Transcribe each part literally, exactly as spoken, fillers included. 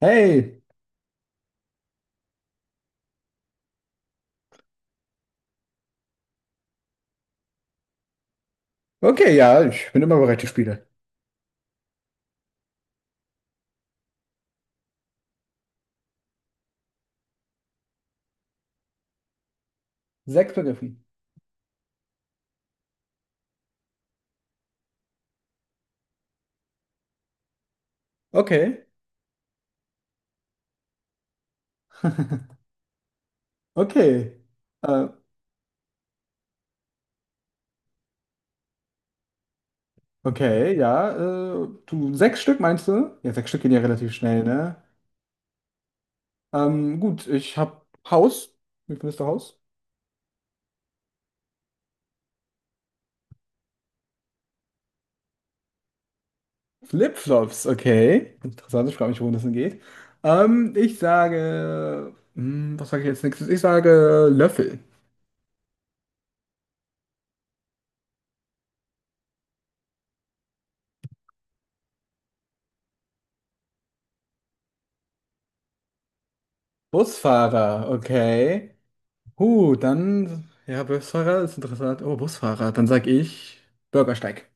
Hey, okay, ja, ich bin immer bereit für Spiele. Sechs begriffen. Okay. Okay. Äh, okay, ja. Äh, du, sechs Stück meinst du? Ja, sechs Stück gehen ja relativ schnell, ne? Ähm, gut, ich hab Haus. Wie findest du Haus? Flipflops, okay. Interessant, ich frage mich, worum das denn geht. Ähm, ich sage. Hm, was sage ich jetzt nächstes? Ich sage Löffel. Busfahrer, okay. Uh, dann, ja, Busfahrer ist interessant. Oh, Busfahrer. Dann sag ich Bürgersteig.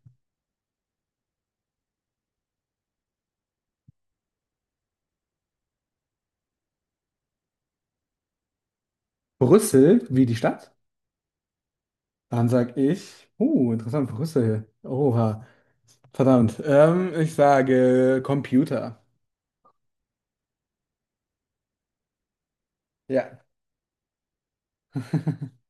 Brüssel, wie die Stadt? Dann sag ich, uh, interessant, Brüssel. Oha, verdammt. Ähm, ich sage Computer. Ja.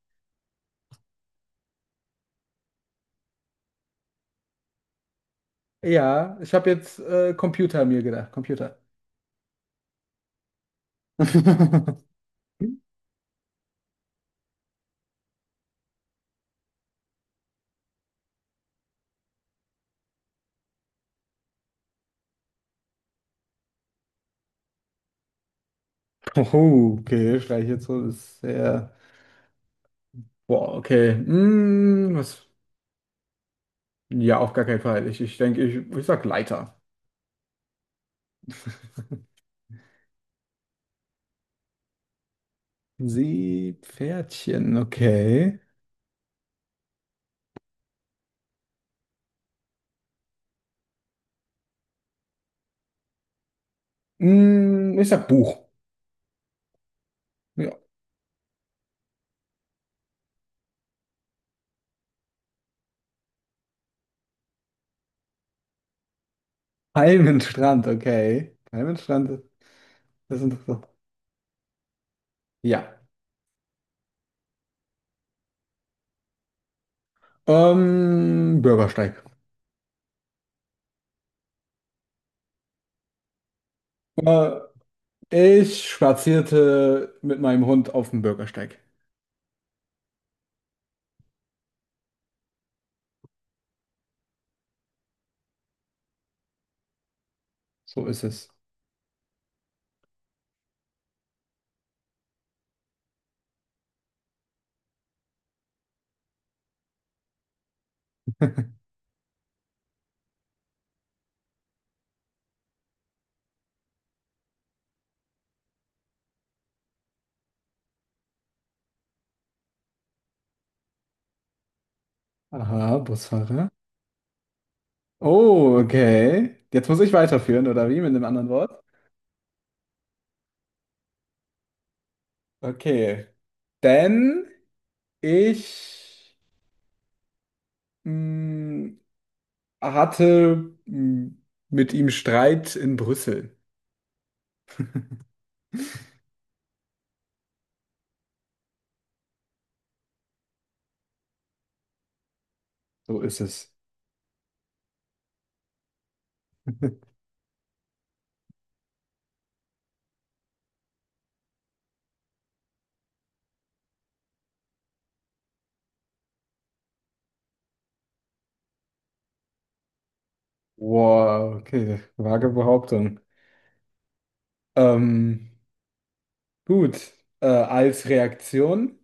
Ja, ich habe jetzt äh, Computer mir gedacht. Computer. Oh, okay, streiche jetzt so, ist sehr. Boah, okay. Mm, was? Ja, auf gar keinen Fall. Ich, ich denke, ich, ich sag Leiter. Seepferdchen, okay. Mm, ich sag Buch. Ja. Palmenstrand, okay. Palmenstrand, das ist interessant. Ja. Ähm, Bürgersteig. Äh, Ich spazierte mit meinem Hund auf dem Bürgersteig. So ist es. Aha, Busfahrer. Oh, okay. Jetzt muss ich weiterführen, oder wie? Mit einem anderen Wort? Okay. Denn ich. mm, Hatte mh, mit ihm Streit in Brüssel. So ist es. Wow, okay, vage Behauptung. Ähm, gut, äh, als Reaktion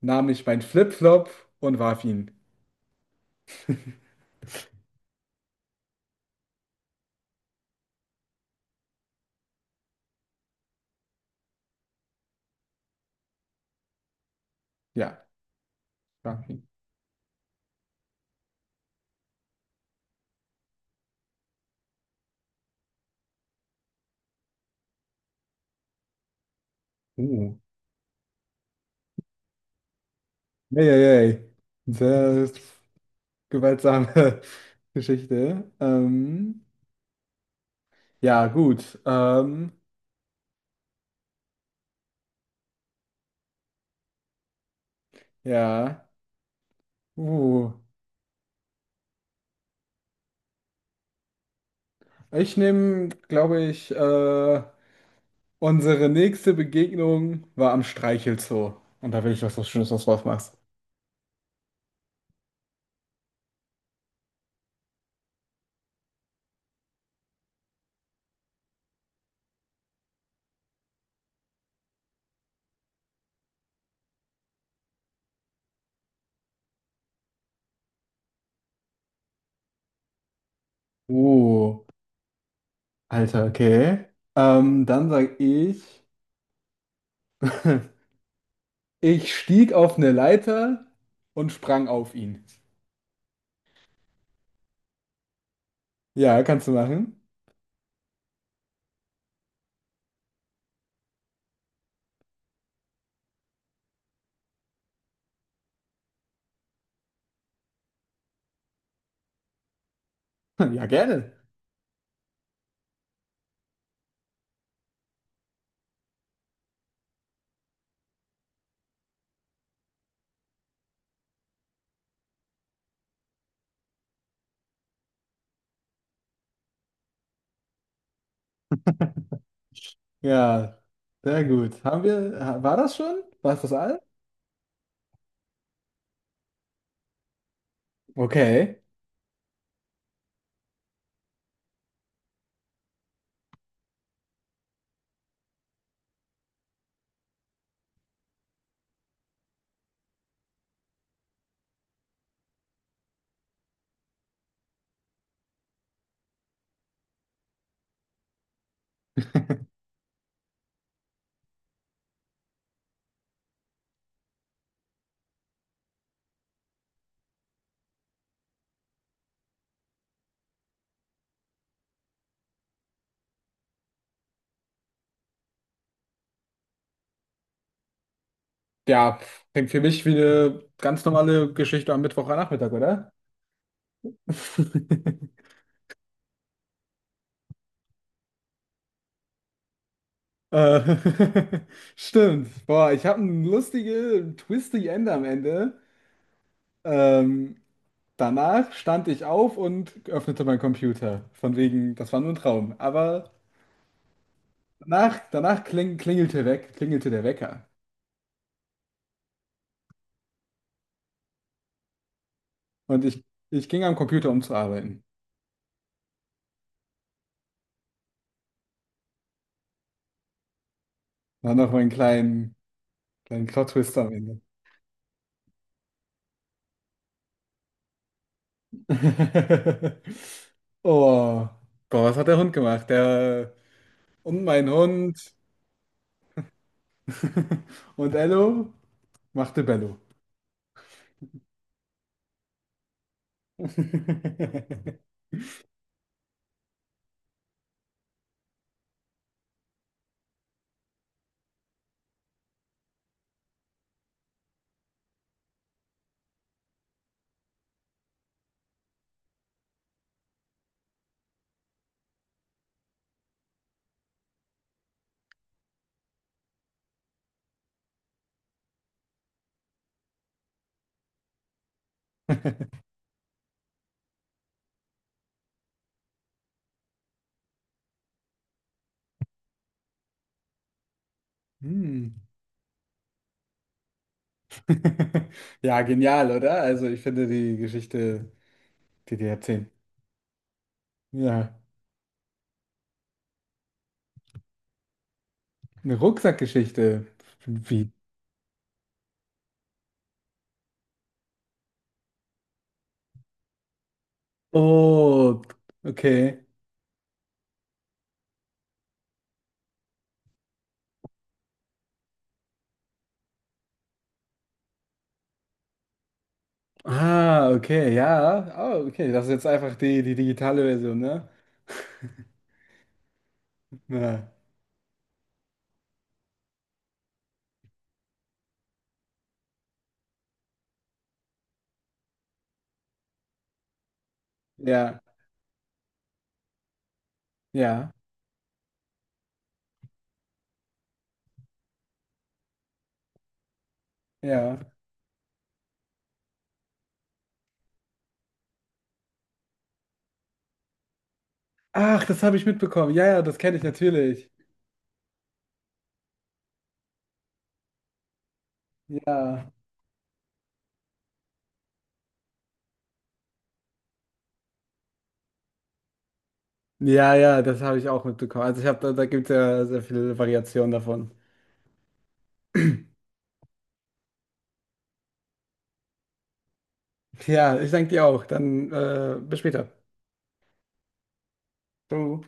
nahm ich mein Flipflop und warf ihn. Ja, warf ihn. Uh, ey, ey, ey. Sehr gewaltsame Geschichte. Ähm, ja, gut. Ähm, ja, uh, ich nehme, glaube ich, äh, unsere nächste Begegnung war am Streichelzoo. Und da will ich, dass du was Schönes was draus machst. Uh, Alter, okay. Ähm, dann sag ich, ich stieg auf eine Leiter und sprang auf ihn. Ja, kannst du machen? Ja, gerne. Ja, sehr gut. Haben wir, war das schon? War es das all? Okay. Ja, klingt für mich wie eine ganz normale Geschichte am Mittwochnachmittag, oder? Äh, stimmt. Boah, ich habe einen lustigen, Twisty End am Ende. Ähm, Danach stand ich auf und öffnete meinen Computer. Von wegen, das war nur ein Traum. Aber danach, danach kling, klingelte weg, klingelte der Wecker. Und ich, ich ging am Computer, um zu arbeiten. Dann noch meinen kleinen, kleinen Plot-Twist am Ende. Oh, boah, was hat der Hund gemacht? Der und mein Hund und Ello machte Bello. Hm. Ja, genial, oder? Also ich finde die Geschichte, die die erzählen. Ja, eine Rucksackgeschichte. Wie? Oh, okay. Ah, okay, ja. Oh, okay, das ist jetzt einfach die, die digitale Version, ne? Ja, ja, ja. Ja. Ach, das habe ich mitbekommen. Ja, ja, das kenne ich natürlich. Ja. Ja, ja, das habe ich auch mitbekommen. Also ich habe da, da gibt es ja sehr viele Variationen davon. Ja, ich danke dir auch. Dann äh, bis später. Ciao.